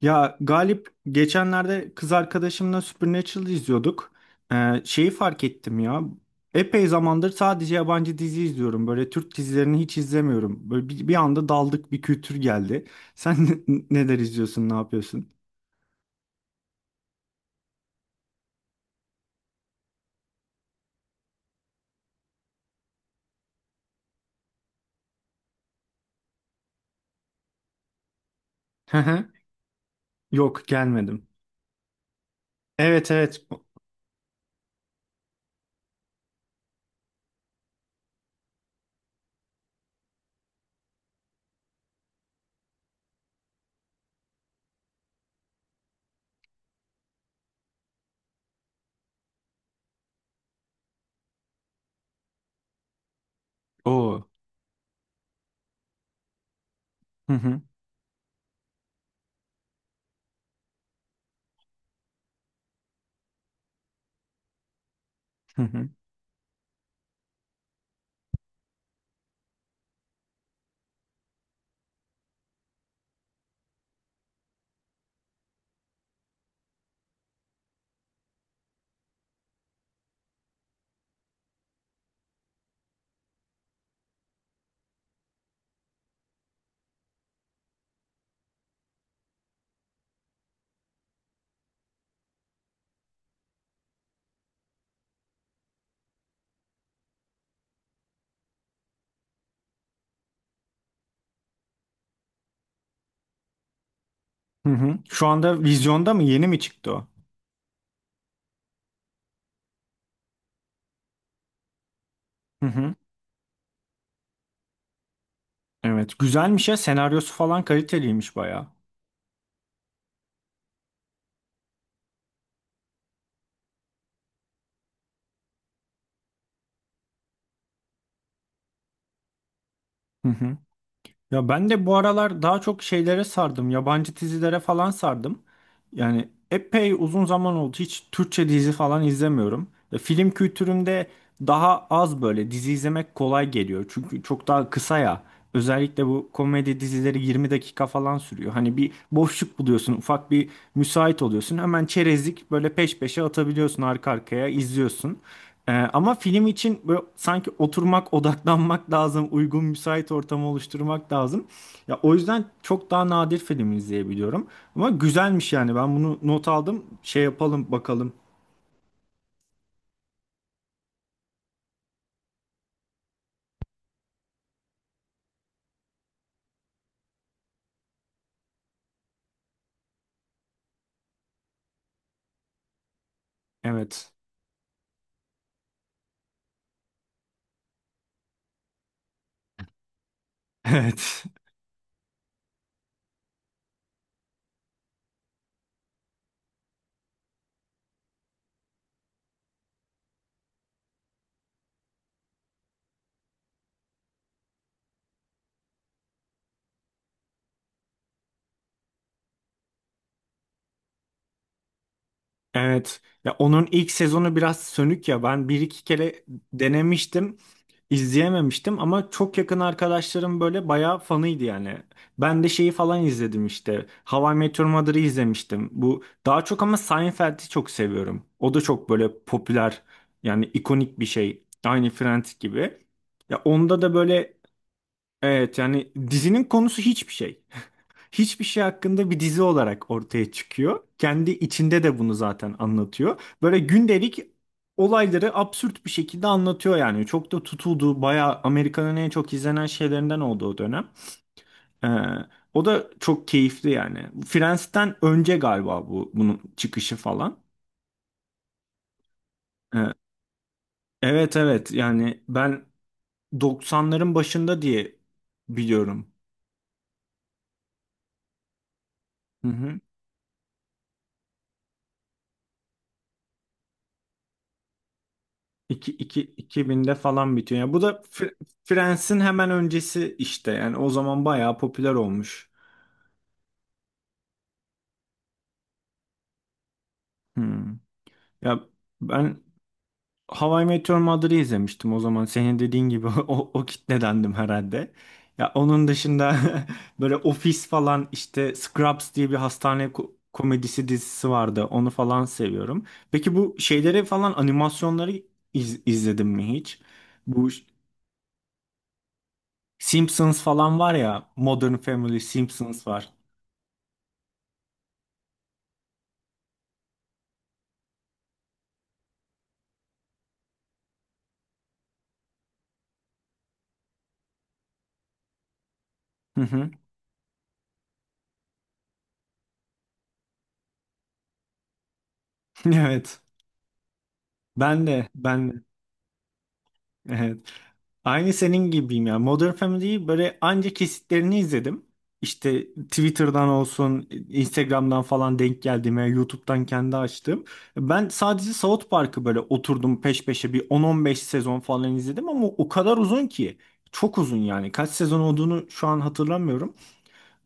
Ya Galip geçenlerde kız arkadaşımla Supernatural izliyorduk. Şeyi fark ettim ya. Epey zamandır sadece yabancı dizi izliyorum. Böyle Türk dizilerini hiç izlemiyorum. Böyle bir anda daldık bir kültür geldi. Sen neler izliyorsun, ne yapıyorsun? Hı hı. Yok gelmedim. Evet evet. Oo. Hı hı. Hı hı. Hı hı. Şu anda vizyonda mı? Yeni mi çıktı o? Hı hı. Evet. Güzelmiş ya. Senaryosu falan kaliteliymiş bayağı. Ya ben de bu aralar daha çok şeylere sardım. Yabancı dizilere falan sardım. Yani epey uzun zaman oldu. Hiç Türkçe dizi falan izlemiyorum. Ya film kültürümde daha az böyle dizi izlemek kolay geliyor. Çünkü çok daha kısa ya. Özellikle bu komedi dizileri 20 dakika falan sürüyor. Hani bir boşluk buluyorsun, ufak bir müsait oluyorsun. Hemen çerezlik böyle peş peşe atabiliyorsun arka arkaya izliyorsun. Ama film için böyle sanki oturmak, odaklanmak lazım, uygun müsait ortamı oluşturmak lazım. Ya o yüzden çok daha nadir film izleyebiliyorum. Ama güzelmiş yani. Ben bunu not aldım. Şey yapalım bakalım. Evet. Evet. Evet. Ya onun ilk sezonu biraz sönük ya. Ben bir iki kere denemiştim. İzleyememiştim ama çok yakın arkadaşlarım böyle bayağı fanıydı yani. Ben de şeyi falan izledim işte. How I Met Your Mother'ı izlemiştim. Bu daha çok ama Seinfeld'i çok seviyorum. O da çok böyle popüler yani ikonik bir şey. Aynı Friends gibi. Ya onda da böyle evet yani dizinin konusu hiçbir şey hakkında bir dizi olarak ortaya çıkıyor. Kendi içinde de bunu zaten anlatıyor. Böyle gündelik olayları absürt bir şekilde anlatıyor yani. Çok da tutuldu. Bayağı Amerika'nın en çok izlenen şeylerinden oldu o dönem. Ee, O da çok keyifli yani. Friends'ten önce galiba bu bunun çıkışı falan. Ee, evet evet yani ben 90'ların başında diye biliyorum. Hı hı. 2000'de falan bitiyor. Yani bu da Friends'in hemen öncesi işte. Yani o zaman bayağı popüler olmuş. Hmm. Ya ben How I Met Your Mother'ı izlemiştim o zaman. Senin dediğin gibi o kitledendim herhalde. Ya onun dışında böyle Office falan işte Scrubs diye bir hastane komedisi dizisi vardı. Onu falan seviyorum. Peki bu şeyleri falan animasyonları izledin mi hiç? Bu Simpsons falan var ya. Modern Family, Simpsons var. Hı hı. Evet. Ben de. Evet. Aynı senin gibiyim ya. Modern Family'yi böyle anca kesitlerini izledim. İşte Twitter'dan olsun, Instagram'dan falan denk geldiğime, YouTube'dan kendi açtım. Ben sadece South Park'ı böyle oturdum peş peşe bir 10-15 sezon falan izledim ama o kadar uzun ki. Çok uzun yani. Kaç sezon olduğunu şu an hatırlamıyorum.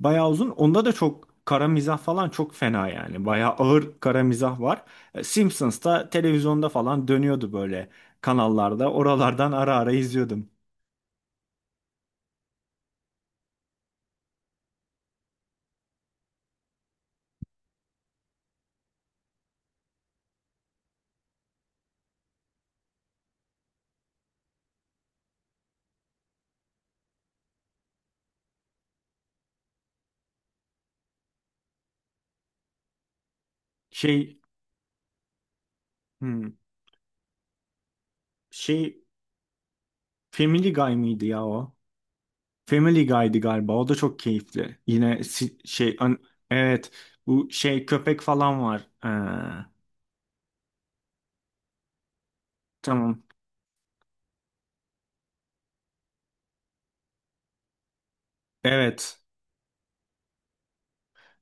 Bayağı uzun. Onda da çok kara mizah falan çok fena yani. Bayağı ağır kara mizah var. Simpsons'ta televizyonda falan dönüyordu böyle kanallarda. Oralardan ara ara izliyordum. Şey hmm, şey Family Guy mıydı ya o? Family Guy'di galiba. O da çok keyifli. Yine evet bu şey köpek falan var. Tamam. Evet.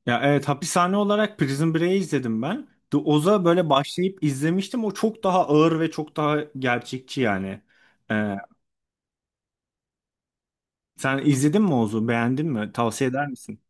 Ya evet hapishane olarak Prison Break'i izledim ben. The Oz'a böyle başlayıp izlemiştim. O çok daha ağır ve çok daha gerçekçi yani. Ee, Sen izledin mi Oz'u? Beğendin mi? Tavsiye eder misin?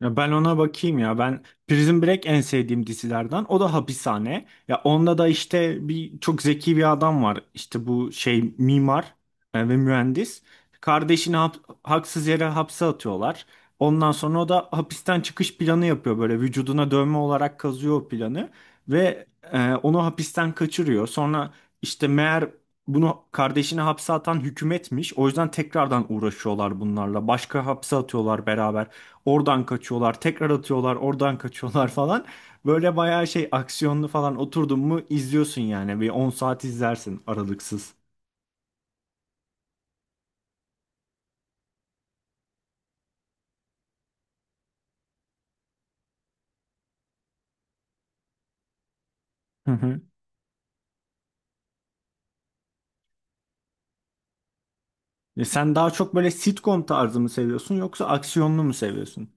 Ya ben ona bakayım ya. Ben Prison Break en sevdiğim dizilerden. O da hapishane. Ya onda da işte bir çok zeki bir adam var. İşte bu şey mimar ve mühendis. Kardeşini haksız yere hapse atıyorlar. Ondan sonra o da hapisten çıkış planı yapıyor böyle vücuduna dövme olarak kazıyor o planı ve onu hapisten kaçırıyor. Sonra işte meğer bunu kardeşini hapse atan hükümetmiş. O yüzden tekrardan uğraşıyorlar bunlarla. Başka hapse atıyorlar beraber. Oradan kaçıyorlar, tekrar atıyorlar, oradan kaçıyorlar falan. Böyle bayağı şey aksiyonlu falan oturdun mu izliyorsun yani. Bir 10 saat izlersin aralıksız. Hı hı. E sen daha çok böyle sitcom tarzı mı seviyorsun yoksa aksiyonlu mu seviyorsun?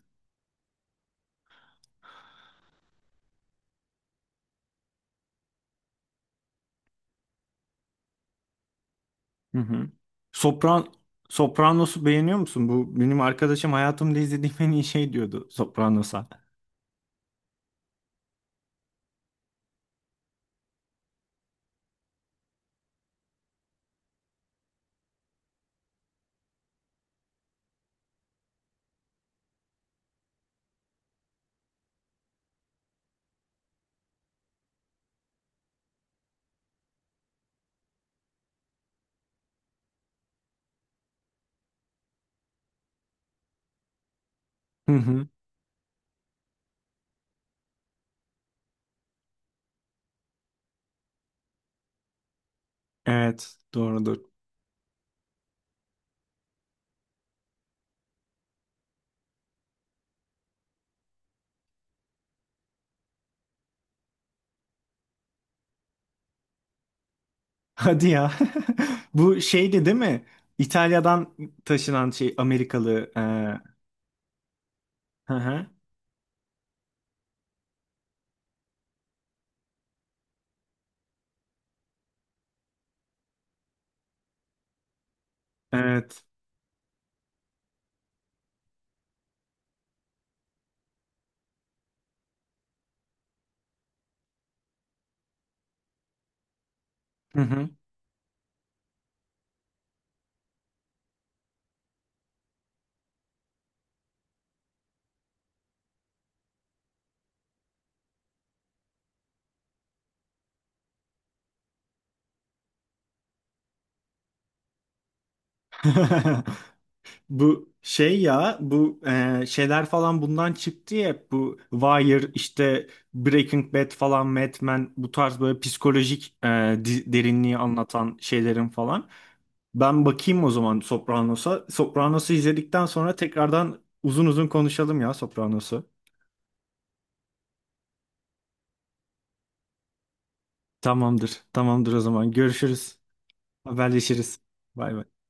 Hı hı. Sopran Sopranos'u beğeniyor musun? Bu benim arkadaşım hayatımda izlediğim en iyi şey diyordu Sopranos'a. Hı hı. Evet, doğrudur. Hadi ya. Bu şeydi değil mi? İtalya'dan taşınan şey Amerikalı. Hı hı. Evet. Hı hı. Bu şey ya bu şeyler falan bundan çıktı ya bu Wire işte Breaking Bad falan Mad Men bu tarz böyle psikolojik derinliği anlatan şeylerin falan. Ben bakayım o zaman Sopranos'a. Sopranos'u izledikten sonra tekrardan uzun uzun konuşalım ya Sopranos'u. Tamamdır. Tamamdır o zaman. Görüşürüz. Haberleşiriz. Bay bay.